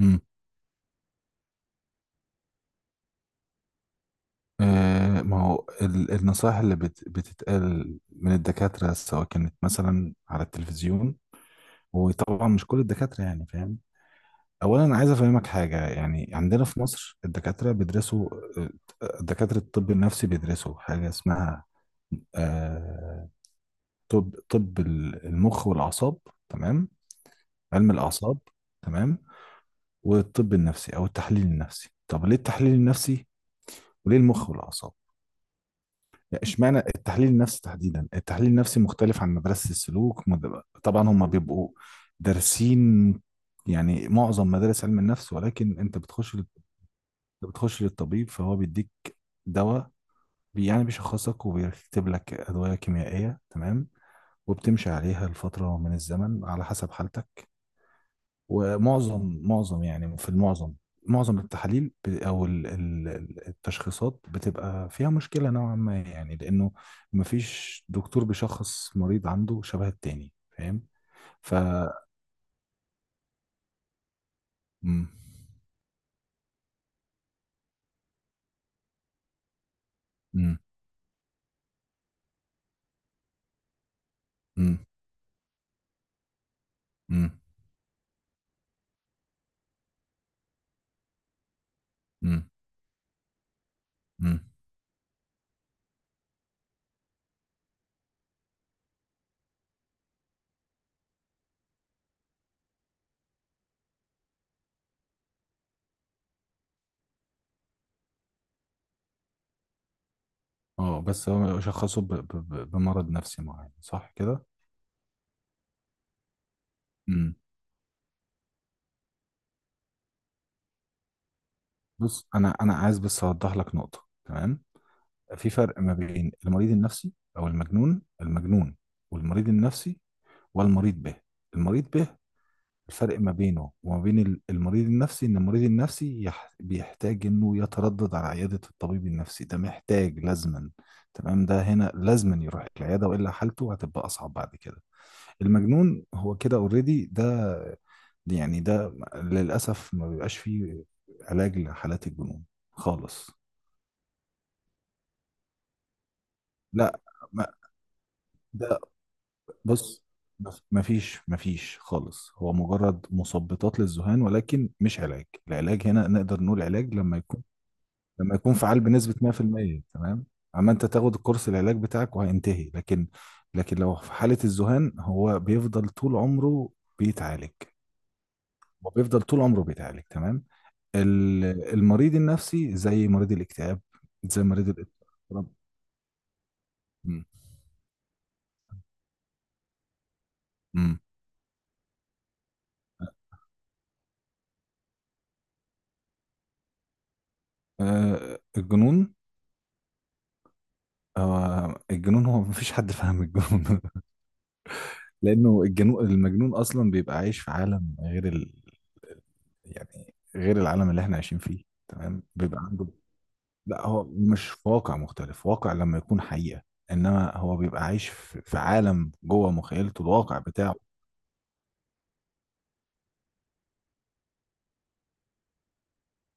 مم. آه، ما هو النصائح اللي بتتقال من الدكاترة، سواء كانت مثلا على التلفزيون، وطبعا مش كل الدكاترة، يعني فاهم. أولا عايز أفهمك حاجة، يعني عندنا في مصر الدكاترة بيدرسوا. آه، دكاترة الطب النفسي بيدرسوا حاجة اسمها آه طب المخ والأعصاب، تمام، علم الأعصاب، تمام. والطب النفسي أو التحليل النفسي، طب ليه التحليل النفسي وليه المخ والأعصاب؟ اشمعنى التحليل النفسي تحديدا؟ التحليل النفسي مختلف عن مدرسة السلوك، طبعا هم بيبقوا دارسين يعني معظم مدارس علم النفس، ولكن انت بتخش للطبيب فهو بيديك دواء، يعني بيشخصك وبيكتب لك أدوية كيميائية، تمام، وبتمشي عليها لفترة من الزمن على حسب حالتك. ومعظم يعني في المعظم، معظم التحاليل ب- او ال- ال- ال- التشخيصات بتبقى فيها مشكلة نوعا ما، يعني لانه مفيش دكتور بيشخص مريض عنده شبه التاني، فاهم ف مم. مم. مم. مم. مم. مم. اه بس هو شخصه بمرض نفسي معين، صح كده؟ مم. بص انا عايز بس اوضح لك نقطة، تمام. في فرق ما بين المريض النفسي او المجنون. المجنون والمريض النفسي. والمريض به، المريض به، الفرق ما بينه وما بين المريض النفسي ان المريض النفسي بيحتاج انه يتردد على عيادة الطبيب النفسي، ده محتاج لازما، تمام، ده هنا لازما يروح العيادة والا حالته هتبقى اصعب بعد كده. المجنون هو كده اوريدي، ده يعني ده للاسف ما بيبقاش فيه علاج لحالات الجنون خالص. لا ما ده بص بص، مفيش، مفيش خالص، هو مجرد مثبطات للذهان ولكن مش علاج. العلاج هنا نقدر نقول علاج لما يكون، لما يكون فعال بنسبة 100%، تمام، اما انت تاخد الكورس العلاج بتاعك وهينتهي، لكن، لكن لو في حالة الذهان هو بيفضل طول عمره بيتعالج. هو بيفضل طول عمره بيتعالج، تمام. ال- المريض النفسي زي مريض الاكتئاب، زي مريض الاضطراب. امم. آه الجنون، آه الجنون، هو مفيش حد فاهم الجنون لانه المجنون اصلا بيبقى عايش في عالم غير يعني غير العالم اللي احنا عايشين فيه، تمام، بيبقى عنده. لا، هو مش في واقع مختلف، واقع لما يكون حقيقة، انما هو بيبقى عايش في عالم جوه مخيلته، الواقع بتاعه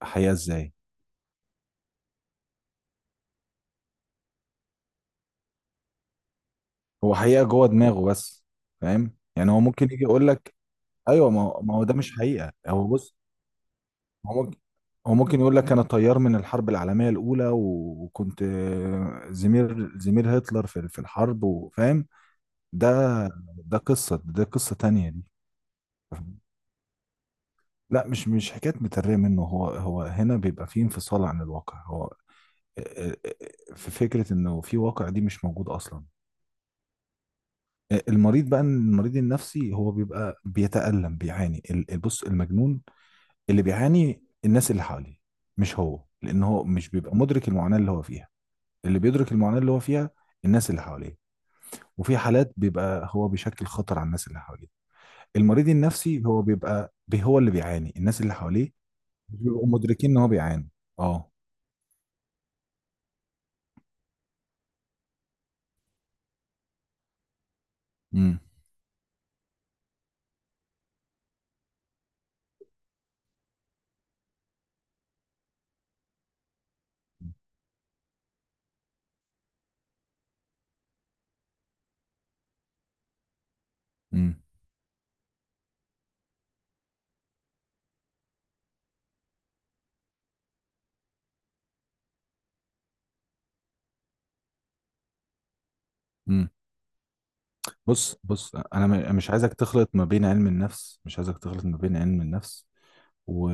حقيقة ازاي؟ هو حقيقة جوه دماغه بس، فاهم؟ يعني هو ممكن يجي يقول لك، ايوه، ما هو ده مش حقيقة. هو، بص، هو ممكن، هو ممكن يقول لك انا طيار من الحرب العالمية الاولى، وكنت زميل هتلر في الحرب، وفاهم؟ ده ده قصة تانية دي. لا، مش حكاية مترية منه، هو هو هنا بيبقى فيه انفصال عن الواقع. هو في فكرة انه في واقع دي مش موجود اصلا. المريض بقى، المريض النفسي هو بيبقى بيتألم، بيعاني بص، المجنون اللي بيعاني الناس اللي حواليه مش هو، لان هو مش بيبقى مدرك المعاناة اللي هو فيها. اللي بيدرك المعاناة اللي هو فيها الناس اللي حواليه، وفي حالات بيبقى هو بيشكل خطر على الناس اللي حواليه. المريض النفسي هو هو اللي بيعاني الناس اللي حواليه، مش بيبقوا مدركين ان هو بيعاني. اه، امم، امم، امم. بص، بص، انا مش عايزك تخلط ما بين علم النفس، مش عايزك تخلط ما بين علم النفس و...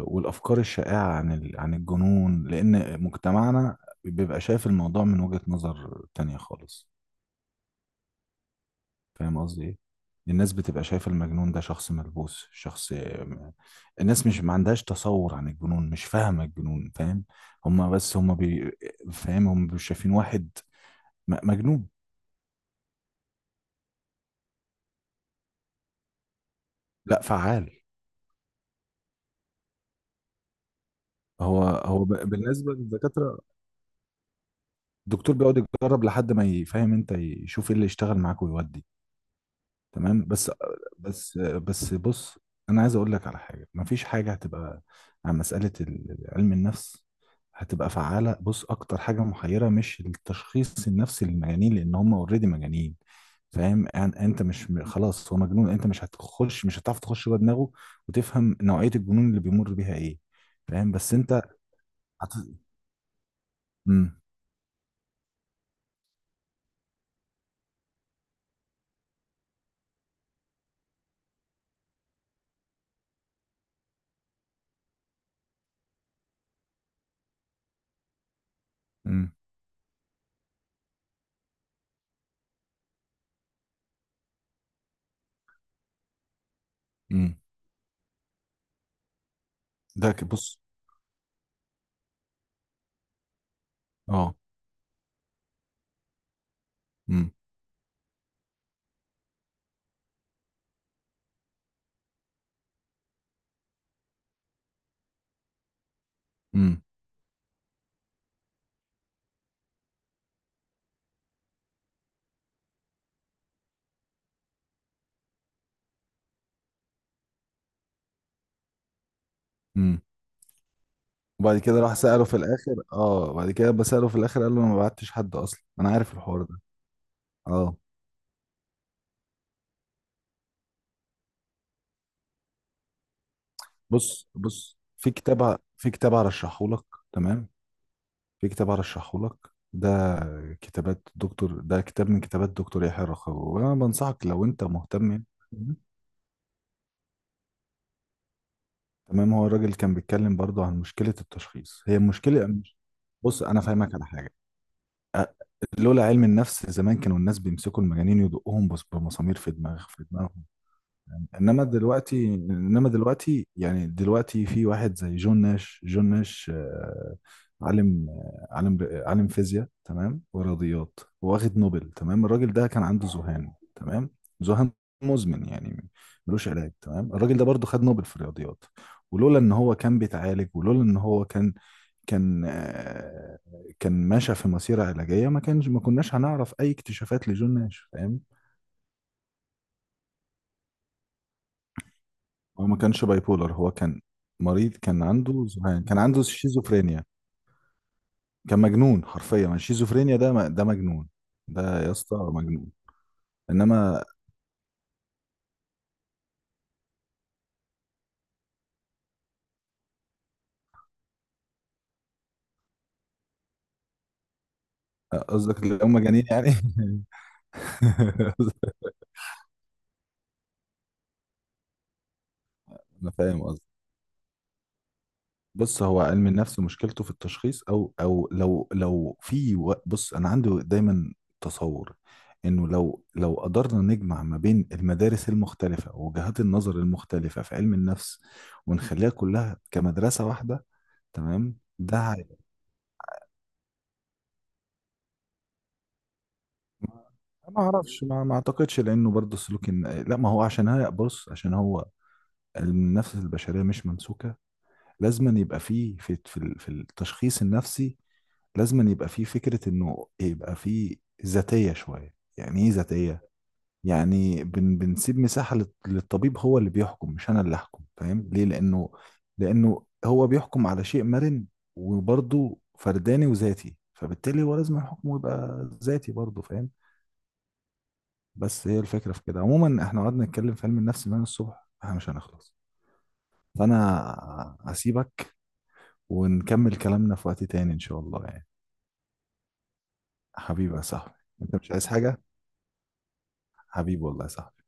والافكار الشائعه عن الجنون، لان مجتمعنا بيبقى شايف الموضوع من وجهة نظر تانية خالص. فاهم قصدي ايه؟ الناس بتبقى شايفة المجنون ده شخص ملبوس، شخص، الناس مش، ما عندهاش تصور عن الجنون، مش فاهمة الجنون، فاهم؟ هما بس هما بي... فاهم؟ هما مش شايفين واحد مجنون. لا، فعال. هو هو بالنسبة للدكاترة، الدكتور بيقعد يجرب لحد ما يفهم، انت يشوف ايه اللي يشتغل معاك ويودي، تمام. بس بص، انا عايز اقول لك على حاجه، مفيش حاجه هتبقى عن مساله علم النفس هتبقى فعاله. بص، اكتر حاجه محيره مش التشخيص النفسي للمجانين، لان هم اوريدي مجانين، فاهم يعني؟ انت مش، خلاص هو مجنون، انت مش هتخش، مش هتعرف تخش جوه دماغه وتفهم نوعيه الجنون اللي بيمر بيها ايه. فاهم؟ بس انت هت... مم. مم. مم. ده بص. اه. مم. مم. مم. وبعد كده راح سأله في الآخر، اه بعد كده بسأله في الآخر، قال له انا ما بعتش حد اصلا. انا عارف الحوار ده. اه، بص، بص، في كتاب هرشحه لك، تمام، في كتاب هرشحه لك، ده كتاب من كتابات دكتور يحيى الرخاوي، وانا بنصحك لو انت مهتم يعني. تمام، هو الراجل كان بيتكلم برضه عن مشكلة التشخيص، هي مشكلة. بص، انا فاهمك على حاجة. أ- لولا علم النفس زمان كانوا الناس بيمسكوا المجانين يدقوهم بمسامير في دماغ، في دماغ. انما دلوقتي، انما دلوقتي يعني، دلوقتي في واحد زي جون ناش. جون ناش، آه، عالم، آه، عالم فيزياء، تمام، ورياضيات، واخد نوبل، تمام. الراجل ده كان عنده ذهان، تمام، ذهان مزمن يعني، ملوش علاج، تمام. الراجل ده برضه خد نوبل في الرياضيات، ولولا ان هو كان بيتعالج، ولولا ان هو كان، كان، آه، كان ماشي في مسيرة علاجية، ما كانش، ما كناش هنعرف اي اكتشافات لجون ناش، فاهم؟ هو ما كانش باي بولر، هو كان مريض، كان عنده ذهان، كان عنده شيزوفرينيا، كان مجنون حرفيا، ما الشيزوفرينيا ده ده مجنون، ده يا اسطى مجنون. انما، قصدك اللي هم مجانين يعني انا فاهم قصدك، بص، هو علم النفس مشكلته في التشخيص، او او لو لو في و- بص، انا عندي دايما تصور انه لو قدرنا نجمع ما بين المدارس المختلفة ووجهات النظر المختلفة في علم النفس ونخليها كلها كمدرسة واحدة، تمام، ما اعرفش، ما اعتقدش، لانه برضه سلوك الن... لا ما هو عشان هي، بص، عشان هو النفس البشريه مش ممسوكه، لازما يبقى فيه في التشخيص النفسي، لازما يبقى فيه فكره انه يبقى فيه ذاتيه شويه. يعني ايه ذاتيه؟ يعني بنسيب مساحه للطبيب، هو اللي بيحكم مش انا اللي احكم، فاهم ليه؟ لانه، لانه هو بيحكم على شيء مرن وبرضه فرداني وذاتي، فبالتالي هو لازم حكمه يبقى ذاتي برضه، فاهم؟ بس هي الفكرة في كده عموما، احنا قعدنا نتكلم في علم النفس من الصبح، احنا مش هنخلص، فانا هسيبك ونكمل كلامنا في وقت تاني ان شاء الله يعني. حبيبي يا صاحبي، انت مش عايز حاجة؟ حبيبي والله يا صاحبي،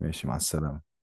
ماشي، مع السلامة.